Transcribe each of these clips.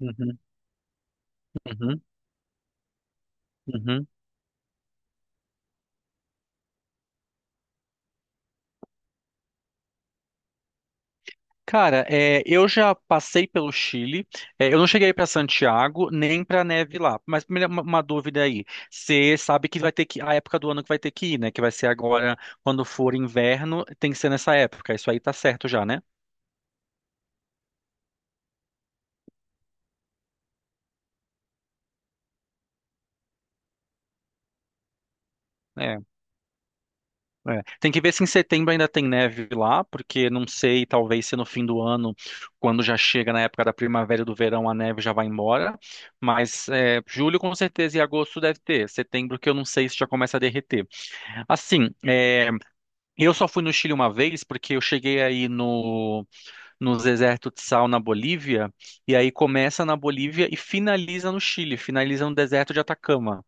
Uhum, uhum, uhum. Cara, eu já passei pelo Chile. Eu não cheguei para Santiago nem para neve lá. Mas primeiro uma dúvida aí. Você sabe que vai ter que a época do ano que vai ter que ir, né? Que vai ser agora quando for inverno, tem que ser nessa época. Isso aí tá certo já, né? É, Tem que ver se em setembro ainda tem neve lá, porque não sei, talvez se no fim do ano, quando já chega na época da primavera e do verão, a neve já vai embora. Mas julho com certeza e agosto deve ter. Setembro que eu não sei se já começa a derreter. Assim, eu só fui no Chile uma vez, porque eu cheguei aí no, no deserto de sal na Bolívia, e aí começa na Bolívia e finaliza no Chile, finaliza no deserto de Atacama.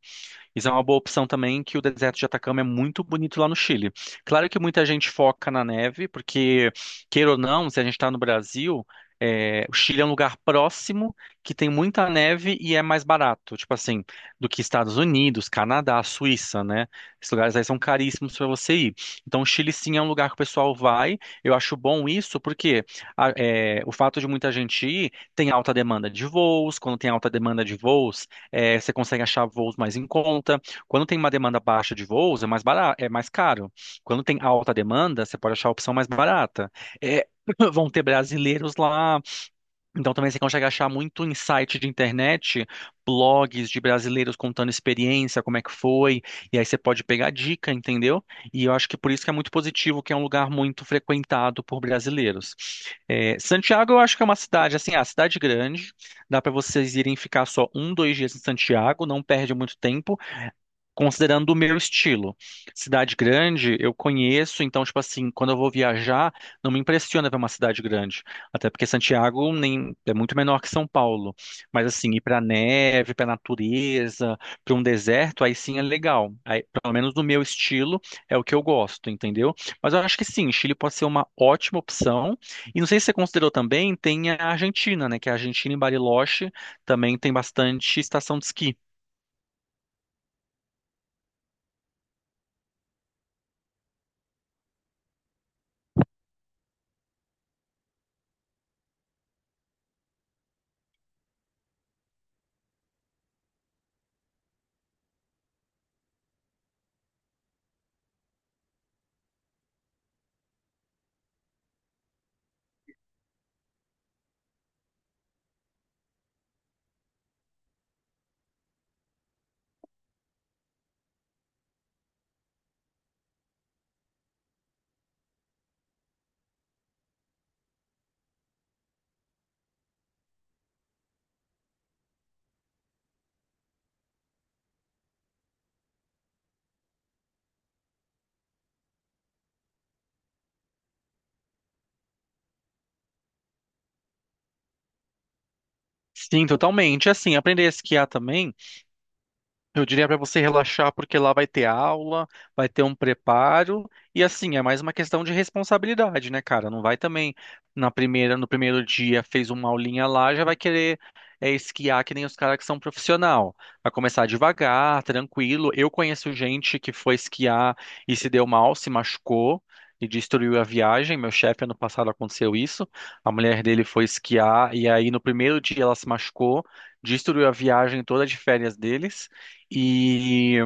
Isso é uma boa opção também, que o deserto de Atacama é muito bonito lá no Chile. Claro que muita gente foca na neve, porque, queira ou não, se a gente está no Brasil, o Chile é um lugar próximo que tem muita neve e é mais barato, tipo assim, do que Estados Unidos, Canadá, Suíça, né? Esses lugares aí são caríssimos para você ir. Então, o Chile sim é um lugar que o pessoal vai. Eu acho bom isso, porque o fato de muita gente ir tem alta demanda de voos. Quando tem alta demanda de voos, você consegue achar voos mais em conta. Quando tem uma demanda baixa de voos, é mais barato, é mais caro. Quando tem alta demanda, você pode achar a opção mais barata. Eh, vão ter brasileiros lá, então também você consegue achar muito em site de internet, blogs de brasileiros contando experiência, como é que foi, e aí você pode pegar dica, entendeu? E eu acho que por isso que é muito positivo, que é um lugar muito frequentado por brasileiros. É, Santiago eu acho que é uma cidade, assim, é uma cidade grande, dá para vocês irem ficar só um, dois dias em Santiago, não perde muito tempo, considerando o meu estilo. Cidade grande, eu conheço, então, tipo assim, quando eu vou viajar, não me impressiona ver uma cidade grande. Até porque Santiago nem, é muito menor que São Paulo. Mas, assim, ir pra neve, pra natureza, pra um deserto, aí sim é legal. Aí, pelo menos no meu estilo, é o que eu gosto, entendeu? Mas eu acho que sim, Chile pode ser uma ótima opção. E não sei se você considerou também, tem a Argentina, né? Que a Argentina em Bariloche também tem bastante estação de esqui. Sim, totalmente. Assim, aprender a esquiar também. Eu diria para você relaxar, porque lá vai ter aula, vai ter um preparo, e assim, é mais uma questão de responsabilidade, né, cara? Não vai também na primeira, no primeiro dia fez uma aulinha lá, já vai querer esquiar que nem os caras que são profissional. Vai começar devagar, tranquilo. Eu conheço gente que foi esquiar e se deu mal, se machucou e destruiu a viagem. Meu chefe ano passado aconteceu isso. A mulher dele foi esquiar e aí no primeiro dia ela se machucou, destruiu a viagem toda de férias deles. E,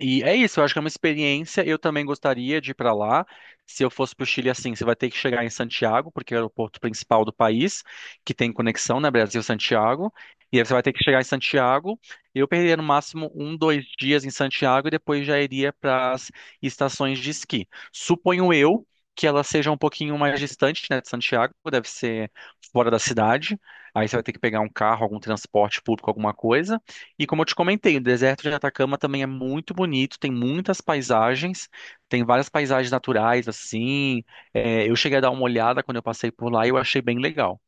e é isso, eu acho que é uma experiência. Eu também gostaria de ir para lá. Se eu fosse para o Chile, assim, você vai ter que chegar em Santiago, porque é o aeroporto principal do país, que tem conexão, né, Brasil-Santiago. E aí você vai ter que chegar em Santiago. Eu perderia no máximo um, dois dias em Santiago e depois já iria para as estações de esqui. Suponho eu que elas sejam um pouquinho mais distantes, né, de Santiago, deve ser fora da cidade. Aí você vai ter que pegar um carro, algum transporte público, alguma coisa. E como eu te comentei, o deserto de Atacama também é muito bonito, tem muitas paisagens, tem várias paisagens naturais, assim. É, eu cheguei a dar uma olhada quando eu passei por lá e eu achei bem legal.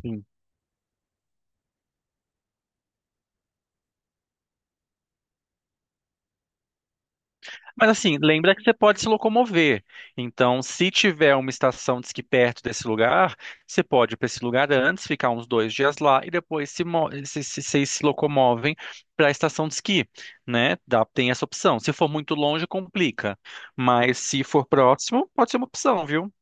Sim. Mas assim, lembra que você pode se locomover. Então, se tiver uma estação de esqui perto desse lugar, você pode ir para esse lugar antes, ficar uns dois dias lá e depois se, mo- se, vocês se locomovem para a estação de esqui, né? Dá, tem essa opção. Se for muito longe, complica. Mas se for próximo, pode ser uma opção, viu?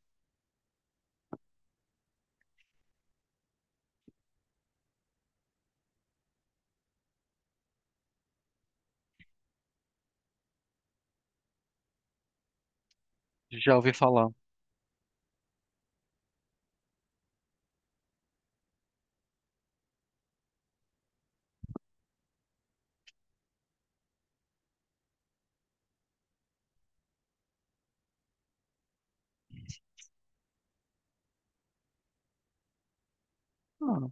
Já ouvi falar. Ah,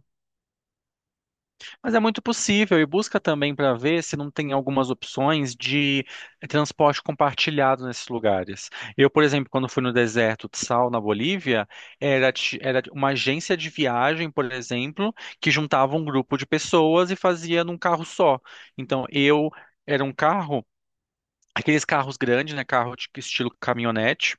mas é muito possível e busca também para ver se não tem algumas opções de transporte compartilhado nesses lugares. Eu, por exemplo, quando fui no deserto de Sal, na Bolívia, era uma agência de viagem, por exemplo, que juntava um grupo de pessoas e fazia num carro só. Então, eu era um carro, aqueles carros grandes, né, carro de estilo caminhonete.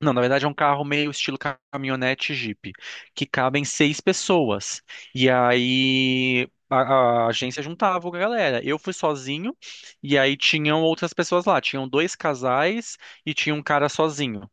Não, na verdade é um carro meio estilo caminhonete Jeep, que cabem seis pessoas. E aí a agência juntava a galera. Eu fui sozinho e aí tinham outras pessoas lá. Tinham dois casais e tinha um cara sozinho.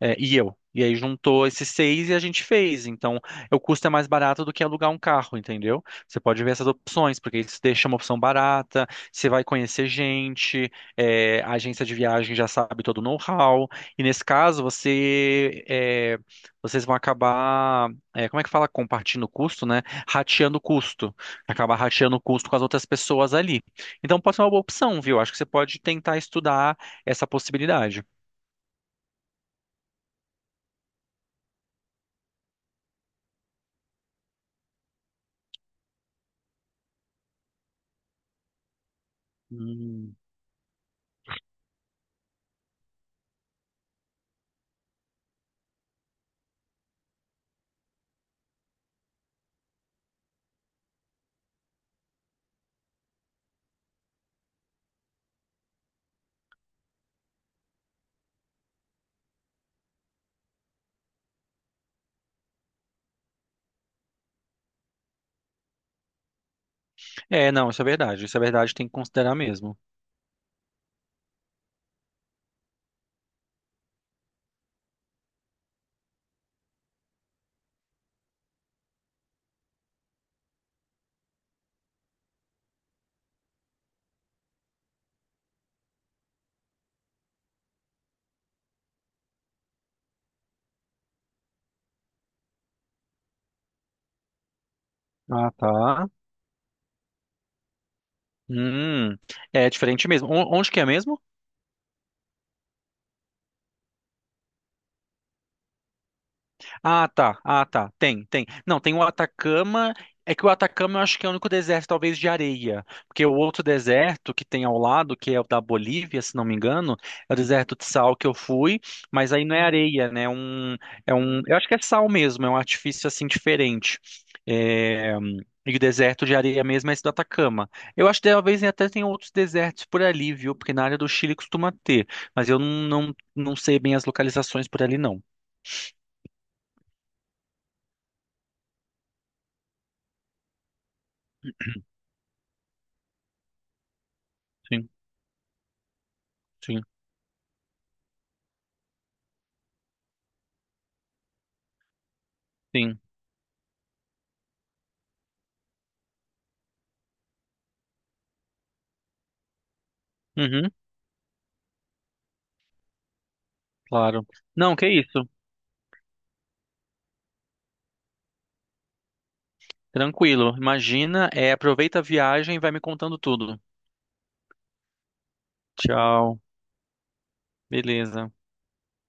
É, e eu. E aí juntou esses seis e a gente fez. Então, o custo é mais barato do que alugar um carro, entendeu? Você pode ver essas opções, porque isso deixa uma opção barata, você vai conhecer gente, a agência de viagem já sabe todo o know-how. E nesse caso, vocês vão acabar, é, como é que fala? Compartindo o custo, né? Rateando o custo. Acabar rateando o custo com as outras pessoas ali. Então pode ser uma boa opção, viu? Acho que você pode tentar estudar essa possibilidade. Hum. Não, isso é verdade. Isso é verdade, tem que considerar mesmo. Ah, tá. Hum, é diferente mesmo. O- Onde que é mesmo? Ah, tá. Ah, tá. Tem, tem. Não, tem o Atacama. É que o Atacama eu acho que é o único deserto, talvez, de areia. Porque o outro deserto que tem ao lado, que é o da Bolívia, se não me engano, é o deserto de sal que eu fui, mas aí não é areia, né? Eu acho que é sal mesmo, é um artifício assim diferente. É, e o deserto de areia mesmo é esse do Atacama. Eu acho que talvez até tem outros desertos por ali, viu? Porque na área do Chile costuma ter. Mas eu não sei bem as localizações por ali, não. Sim, sim, sim. Uhum, claro. Não, que isso. Tranquilo. Imagina, é, aproveita a viagem e vai me contando tudo. Tchau. Beleza.